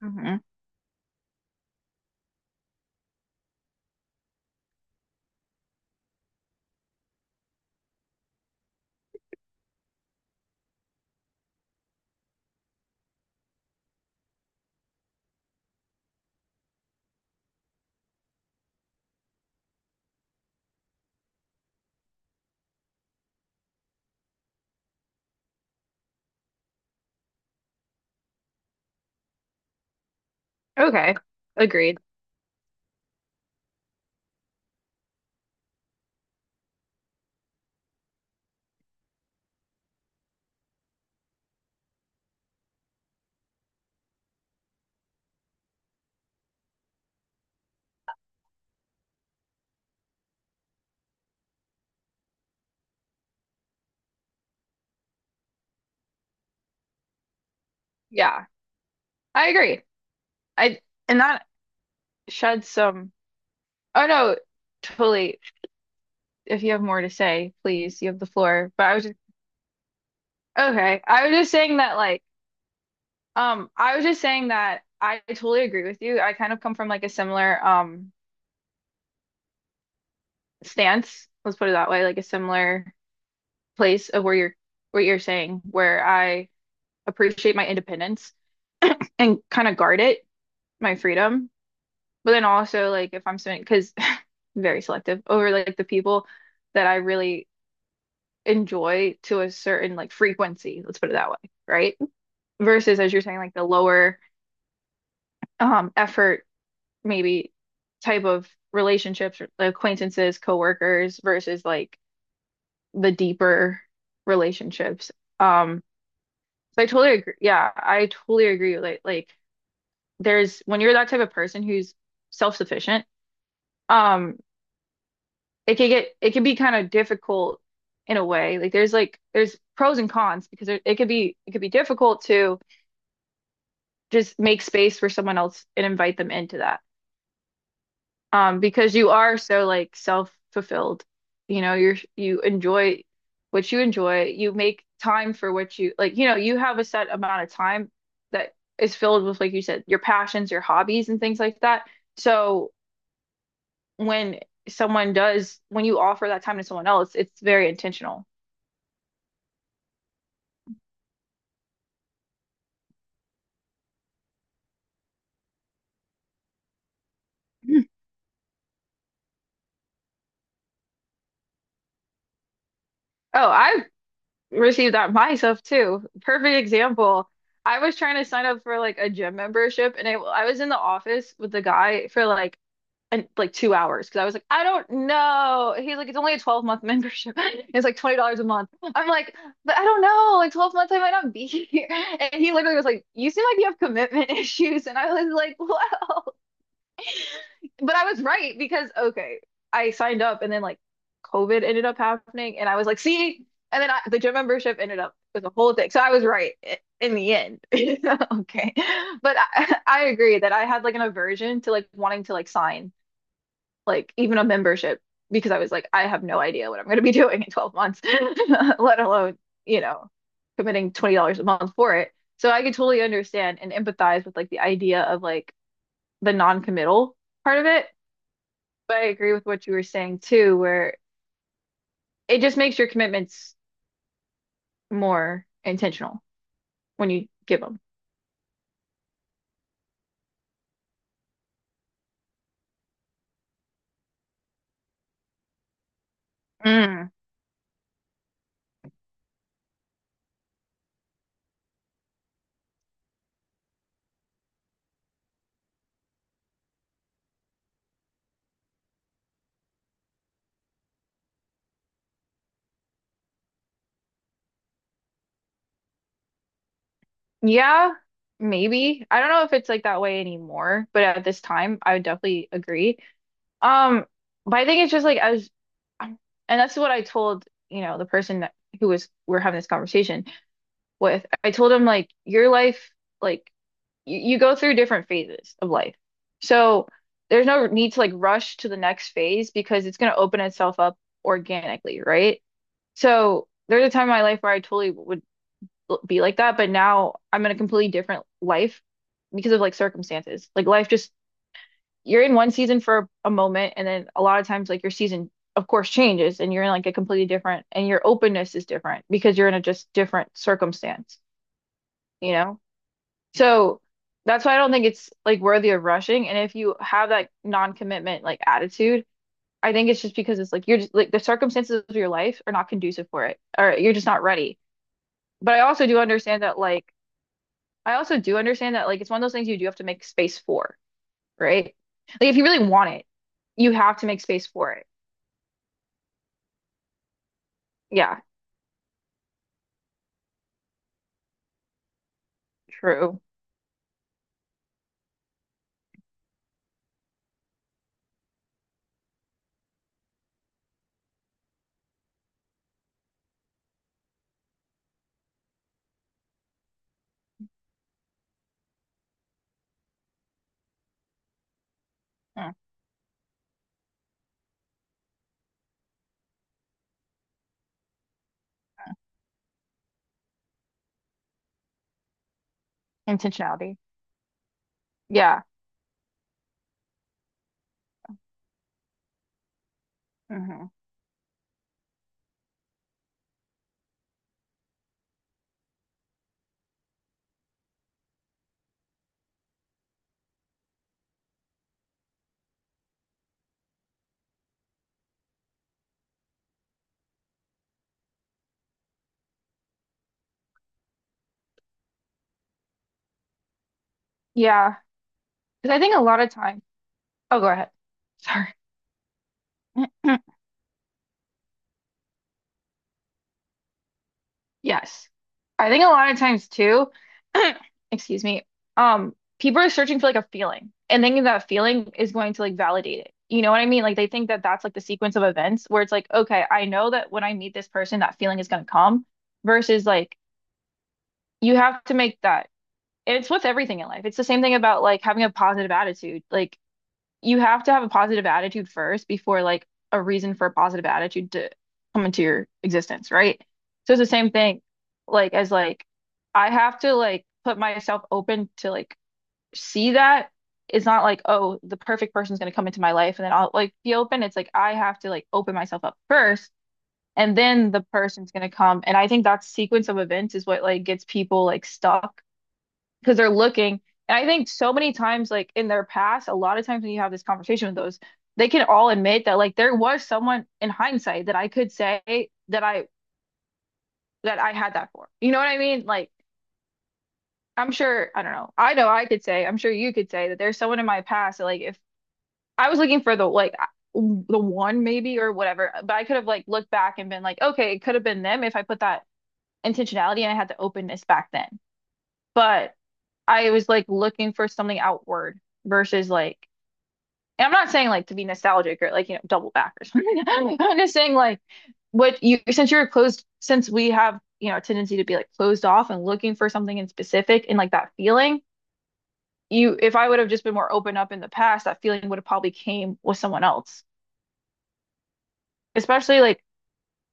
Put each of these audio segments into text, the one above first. Hmm. Okay. Agreed. Yeah, I agree. I and that sheds some. Oh no, totally. If you have more to say, please, you have the floor. But I was just okay. I was just saying that like I was just saying that I totally agree with you. I kind of come from like a similar stance, let's put it that way, like a similar place of where you're what you're saying, where I appreciate my independence and kind of guard it, my freedom. But then also like if I'm spending because very selective over like the people that I really enjoy to a certain like frequency, let's put it that way, right? Versus as you're saying, like the lower effort maybe type of relationships, or acquaintances, coworkers versus like the deeper relationships. Um, so I totally agree. Yeah, I totally agree. Like there's when you're that type of person who's self-sufficient, um, it can get it can be kind of difficult in a way. Like there's pros and cons because it could be difficult to just make space for someone else and invite them into that. Because you are so like self-fulfilled. You enjoy what you enjoy. You make time for what you like, you have a set amount of time that is filled with, like you said, your passions, your hobbies and things like that. So when when you offer that time to someone else, it's very intentional. Oh, I've received that myself too. Perfect example. I was trying to sign up for like a gym membership and I was in the office with the guy for like 2 hours because I was like, I don't know. He's like, it's only a 12-month membership. It's like $20 a month. I'm like, but I don't know. Like 12 months, I might not be here. And he literally was like, you seem like you have commitment issues. And I was like, well, but I was right because okay, I signed up and then like COVID ended up happening and I was like, see, and then the gym membership ended up with a whole thing. So I was right in the end. Okay. But I, I agree that I had like an aversion to like wanting to like sign like even a membership because I was like, I have no idea what I'm going to be doing in 12 months, let alone, you know, committing $20 a month for it. So I could totally understand and empathize with like the idea of like the non-committal part of it. But I agree with what you were saying too, where it just makes your commitments more intentional when you give them. Mm. Yeah, maybe. I don't know if it's like that way anymore, but at this time, I would definitely agree. Um, but I think it's just like um, and that's what I told, the person that who was we're having this conversation with. I told him like your life, like you go through different phases of life. So there's no need to like rush to the next phase because it's going to open itself up organically, right? So there's a time in my life where I totally would be like that, but now I'm in a completely different life because of like circumstances. Like life just, you're in one season for a moment, and then a lot of times like your season, of course, changes and you're in like a completely different, and your openness is different because you're in a just different circumstance, you know? So that's why I don't think it's like worthy of rushing. And if you have that non-commitment like attitude, I think it's just because it's like you're just like the circumstances of your life are not conducive for it, or you're just not ready. But I also do understand that like it's one of those things you do have to make space for, right? Like if you really want it, you have to make space for it. Yeah, true. Mm. Intentionality. Yeah, hmm, yeah. Because I think a lot of time. Oh, go ahead. Sorry. Yes. I think a lot of times too, excuse me, people are searching for like a feeling and thinking that feeling is going to like validate it. You know what I mean? Like they think that that's like the sequence of events where it's like, okay, I know that when I meet this person, that feeling is going to come versus like you have to make that. And it's with everything in life. It's the same thing about like having a positive attitude. Like you have to have a positive attitude first before like a reason for a positive attitude to come into your existence, right? So it's the same thing, like as like I have to like put myself open to like see that it's not like oh the perfect person's gonna come into my life and then I'll like be open. It's like I have to like open myself up first and then the person's gonna come. And I think that sequence of events is what like gets people like stuck because they're looking. And I think so many times, like in their past, a lot of times when you have this conversation with those, they can all admit that like there was someone in hindsight that I could say that I had that for. You know what I mean? Like I'm sure, I don't know. I know I could say, I'm sure you could say that there's someone in my past that like if I was looking for the one maybe or whatever, but I could have like looked back and been like, okay, it could have been them if I put that intentionality and I had the openness back then. But I was like looking for something outward versus like, and I'm not saying like to be nostalgic or like, double back or something. I'm just saying like what you, since you're closed, since we have, a tendency to be like closed off and looking for something in specific and like that feeling, if I would have just been more open up in the past, that feeling would have probably came with someone else, especially like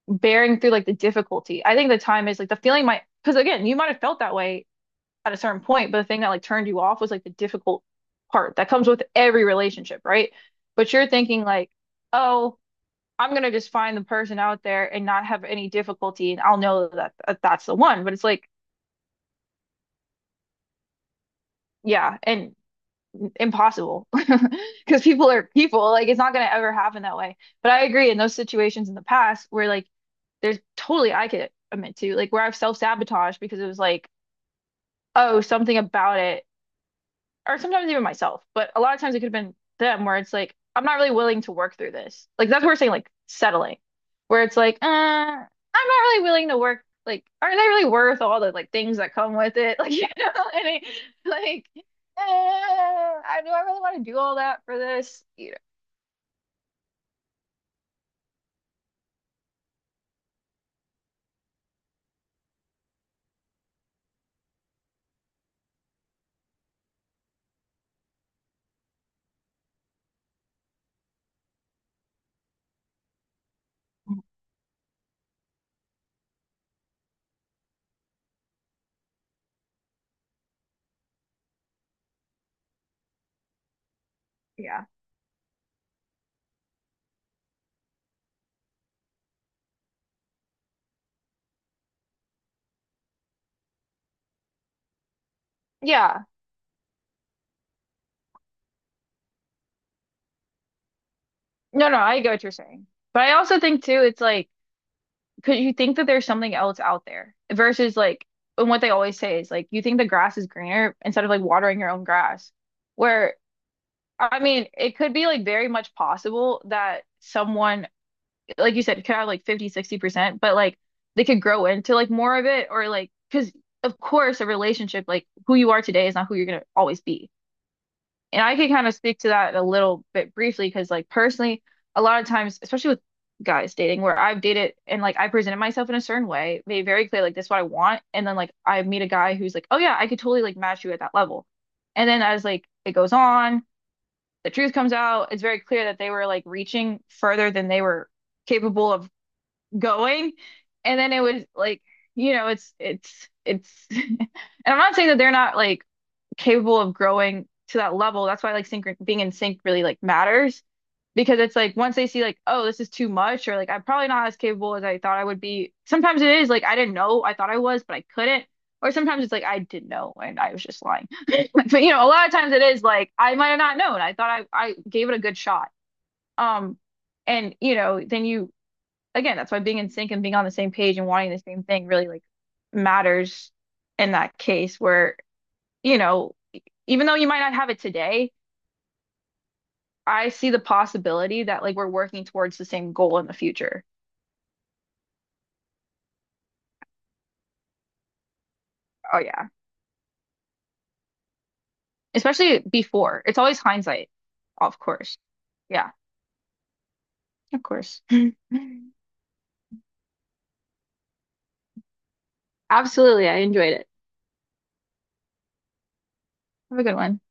bearing through like the difficulty. I think the time is like the feeling might, because again, you might have felt that way at a certain point, but the thing that like turned you off was like the difficult part that comes with every relationship, right? But you're thinking like, oh, I'm gonna just find the person out there and not have any difficulty, and I'll know that's the one. But it's like, yeah, and impossible because people are people. Like it's not gonna ever happen that way. But I agree in those situations in the past where like there's totally I could admit to like where I've self-sabotaged because it was like, oh, something about it or sometimes even myself, but a lot of times it could have been them where it's like, I'm not really willing to work through this. Like that's what we're saying, like settling, where it's like, I'm not really willing to work. Like, are they really worth all the like things that come with it? Like, and it, like, I really want to do all that for this? You know, yeah, yeah. No, no, I get what you're saying, but I also think too, it's like because you think that there's something else out there versus like, and what they always say is like, you think the grass is greener instead of like watering your own grass. Where, I mean, it could be like very much possible that someone, like you said, could have like 50, 60% but like they could grow into like more of it or like, because of course, a relationship, like who you are today is not who you're going to always be. And I can kind of speak to that a little bit briefly because, like, personally, a lot of times, especially with guys dating, where I've dated and like I presented myself in a certain way, made very clear, like, this is what I want. And then, like, I meet a guy who's like, oh, yeah, I could totally like match you at that level. And then, as like it goes on, the truth comes out, it's very clear that they were like reaching further than they were capable of going. And then it was like, you know, it's, and I'm not saying that they're not like, capable of growing to that level. That's why like sync being in sync really like matters because it's like once they see like, oh, this is too much, or like I'm probably not as capable as I thought I would be. Sometimes it is like I didn't know I thought I was, but I couldn't. Or sometimes it's like I did not know and I was just lying. But you know, a lot of times it is like I might have not known. I thought I gave it a good shot. Um, and you know, then you again, that's why being in sync and being on the same page and wanting the same thing really like matters in that case where you know, even though you might not have it today, I see the possibility that like we're working towards the same goal in the future. Oh yeah. Especially before. It's always hindsight, of course. Yeah, of course. Absolutely. I enjoyed it. Have a good one.